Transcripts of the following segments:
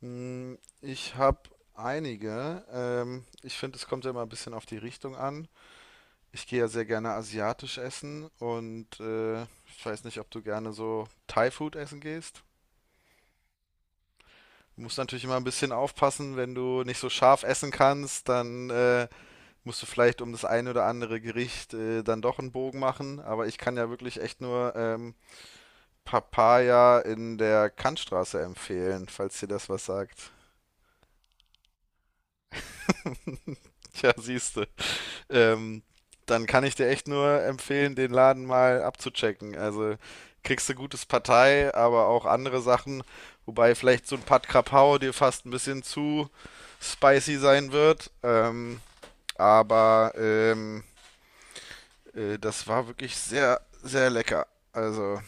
Ich habe einige. Ich finde, es kommt ja immer ein bisschen auf die Richtung an. Ich gehe ja sehr gerne asiatisch essen und ich weiß nicht, ob du gerne so Thai-Food essen gehst. Du musst natürlich immer ein bisschen aufpassen, wenn du nicht so scharf essen kannst, dann musst du vielleicht um das ein oder andere Gericht dann doch einen Bogen machen. Aber ich kann ja wirklich echt nur Papaya in der Kantstraße empfehlen, falls dir das was sagt. Tja, siehste. ähm, Dann kann ich dir echt nur empfehlen, den Laden mal abzuchecken. Also kriegst du gutes Partei, aber auch andere Sachen, wobei vielleicht so ein Pad Krapau dir fast ein bisschen zu spicy sein wird. Aber ähm, Das war wirklich sehr, sehr lecker. Also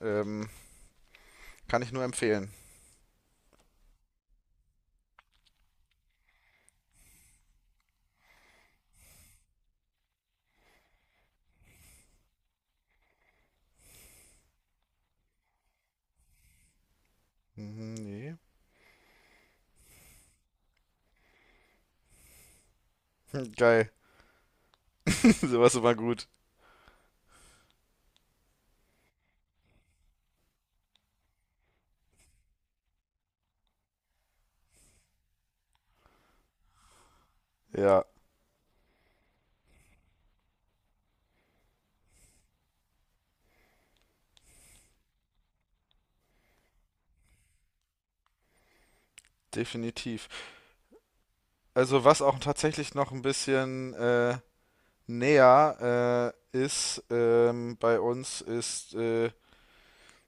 ähm, kann ich nur empfehlen. Mhm. Nee. Geil. Sowas ist immer gut. Ja, definitiv. Also was auch tatsächlich noch ein bisschen näher ist, bei uns ist, äh,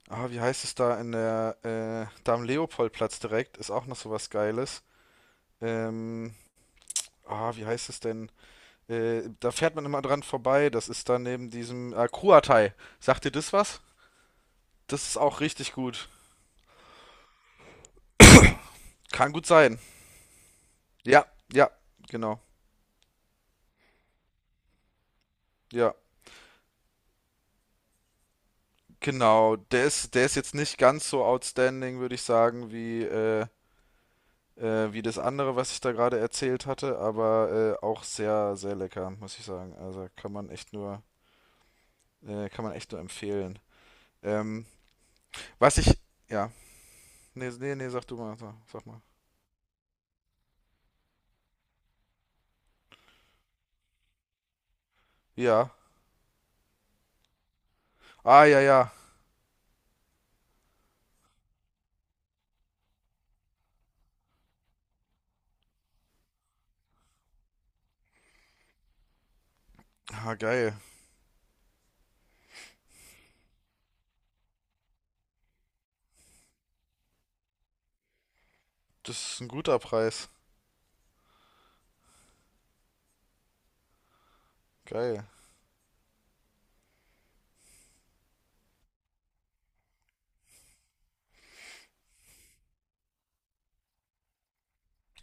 ah, wie heißt es da in der da am Leopoldplatz direkt, ist auch noch sowas Geiles. Ähm, Wie heißt es denn? Da fährt man immer dran vorbei. Das ist da neben diesem Kruatei. Sagt dir das was? Das ist auch richtig gut. Kann gut sein. Ja, ja, genau. Ja, genau. Der ist jetzt nicht ganz so outstanding, würde ich sagen, wie wie das andere, was ich da gerade erzählt hatte, aber auch sehr, sehr lecker, muss ich sagen. Also kann man echt nur, kann man echt nur empfehlen. Ähm, was ich, ja, nee, nee, nee, sag du mal, sag mal. Ja, ah, ja, ja, ah, geil. Das ist ein guter Preis, geil.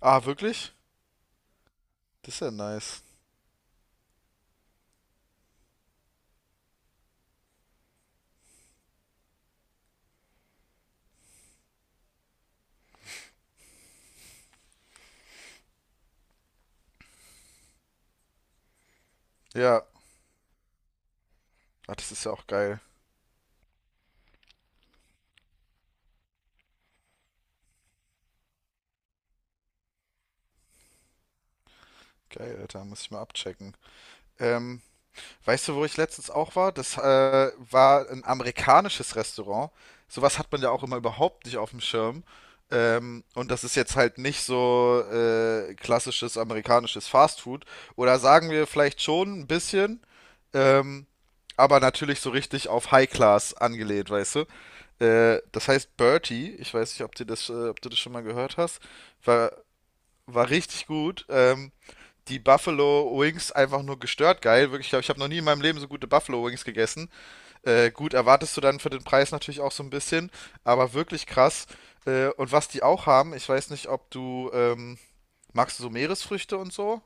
Ah, wirklich? Das ist ja nice. Ja, ah, das ist ja auch geil. Geil, Alter, muss ich mal abchecken. Ähm, Weißt du, wo ich letztens auch war? Das war ein amerikanisches Restaurant. Sowas hat man ja auch immer überhaupt nicht auf dem Schirm. Und das ist jetzt halt nicht so klassisches amerikanisches Fastfood. Oder sagen wir vielleicht schon ein bisschen, ähm, aber natürlich so richtig auf High Class angelehnt, weißt du? Das heißt Bertie, ich weiß nicht, ob du das schon mal gehört hast, war, war richtig gut. Die Buffalo Wings einfach nur gestört geil. Wirklich, ich glaube, ich habe noch nie in meinem Leben so gute Buffalo Wings gegessen. Gut, erwartest du dann für den Preis natürlich auch so ein bisschen, aber wirklich krass. Und was die auch haben, ich weiß nicht, ob du, magst du so Meeresfrüchte und so?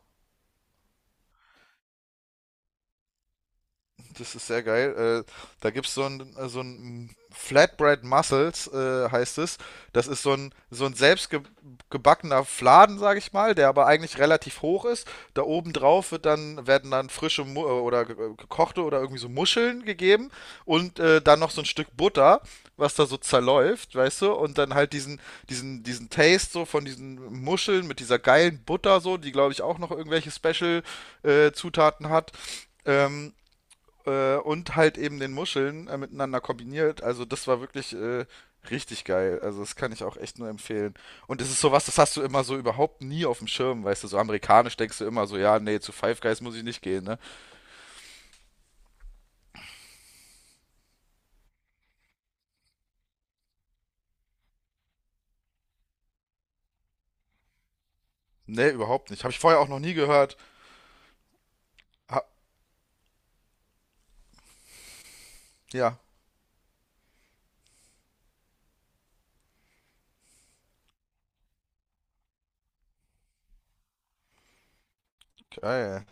Das ist sehr geil. Da gibt es so ein Flatbread Mussels, heißt es. Das ist so ein selbstgebackener Fladen, sage ich mal, der aber eigentlich relativ hoch ist. Da oben drauf wird dann, werden dann frische Mu oder gekochte oder irgendwie so Muscheln gegeben und dann noch so ein Stück Butter, was da so zerläuft, weißt du? Und dann halt diesen Taste so von diesen Muscheln mit dieser geilen Butter so, die glaube ich auch noch irgendwelche Special Zutaten hat. Ähm, und halt eben den Muscheln miteinander kombiniert. Also das war wirklich richtig geil. Also das kann ich auch echt nur empfehlen. Und es ist sowas, das hast du immer so überhaupt nie auf dem Schirm, weißt du, so amerikanisch denkst du immer so, ja, nee, zu Five Guys muss ich nicht gehen, ne? Nee, überhaupt nicht. Habe ich vorher auch noch nie gehört. Ha, ja, geil.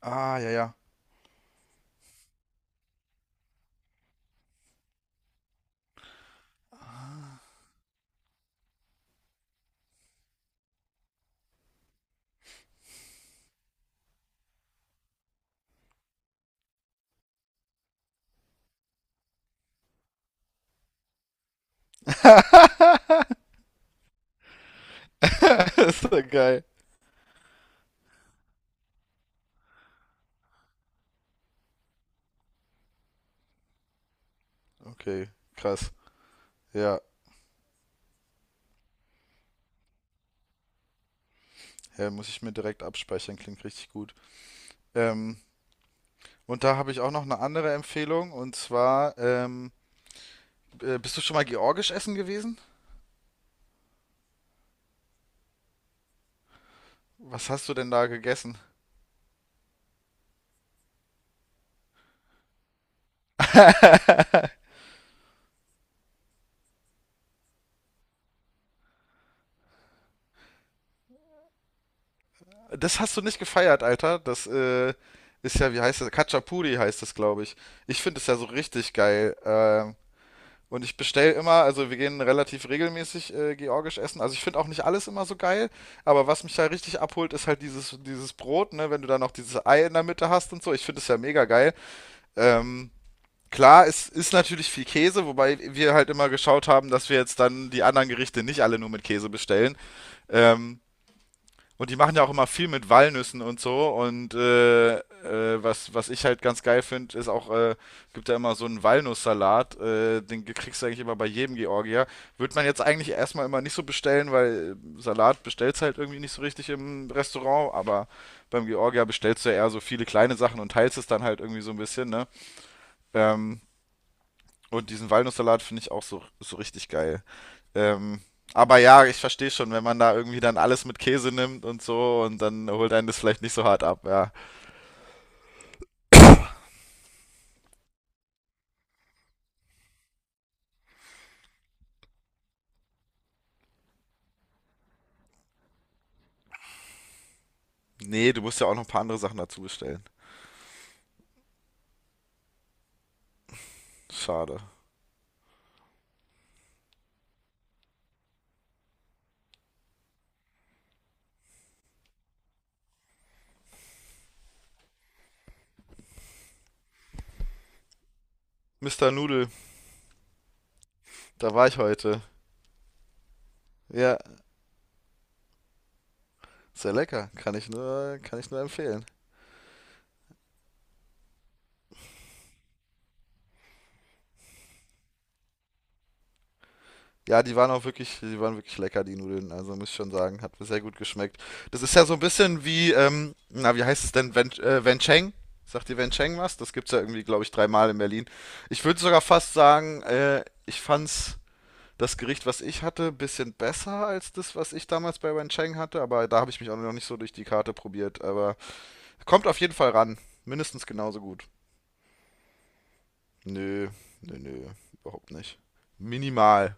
Ah, ja, ja. Ist doch geil. Okay, krass. Ja, ja, muss ich mir direkt abspeichern, klingt richtig gut. Ähm, und da habe ich auch noch eine andere Empfehlung, und zwar bist du schon mal georgisch essen gewesen? Was hast du denn da gegessen? Das hast du nicht gefeiert, Alter. Das ist ja, wie heißt das? Khachapuri heißt das, glaube ich. Ich finde es ja so richtig geil. Und ich bestelle immer, also wir gehen relativ regelmäßig georgisch essen. Also ich finde auch nicht alles immer so geil, aber was mich da richtig abholt, ist halt dieses Brot, ne? Wenn du da noch dieses Ei in der Mitte hast und so. Ich finde es ja mega geil. Ähm, Klar, es ist natürlich viel Käse, wobei wir halt immer geschaut haben, dass wir jetzt dann die anderen Gerichte nicht alle nur mit Käse bestellen. Ähm, und die machen ja auch immer viel mit Walnüssen und so. Und was, was ich halt ganz geil finde, ist auch, gibt ja immer so einen Walnusssalat. Den kriegst du eigentlich immer bei jedem Georgier. Würde man jetzt eigentlich erstmal immer nicht so bestellen, weil Salat bestellst halt irgendwie nicht so richtig im Restaurant. Aber beim Georgier bestellst du ja eher so viele kleine Sachen und teilst es dann halt irgendwie so ein bisschen, ne? Ähm, und diesen Walnusssalat finde ich auch so, so richtig geil. Ähm, aber ja, ich verstehe schon, wenn man da irgendwie dann alles mit Käse nimmt und so und dann holt einen das vielleicht nicht so hart ab, ja. Nee, du musst ja auch noch ein paar andere Sachen dazu bestellen. Schade. Mr. Nudel, da war ich heute. Ja, sehr lecker. Kann ich nur empfehlen. Ja, die waren auch wirklich, die waren wirklich lecker, die Nudeln. Also muss ich schon sagen, hat mir sehr gut geschmeckt. Das ist ja so ein bisschen wie, na, wie heißt es denn, Wencheng? Sagt ihr Wencheng was? Das gibt's ja irgendwie, glaube ich, dreimal in Berlin. Ich würde sogar fast sagen, ich fand's das Gericht, was ich hatte, ein bisschen besser als das, was ich damals bei Wencheng hatte, aber da habe ich mich auch noch nicht so durch die Karte probiert. Aber kommt auf jeden Fall ran. Mindestens genauso gut. Nö, nö, nö, überhaupt nicht. Minimal.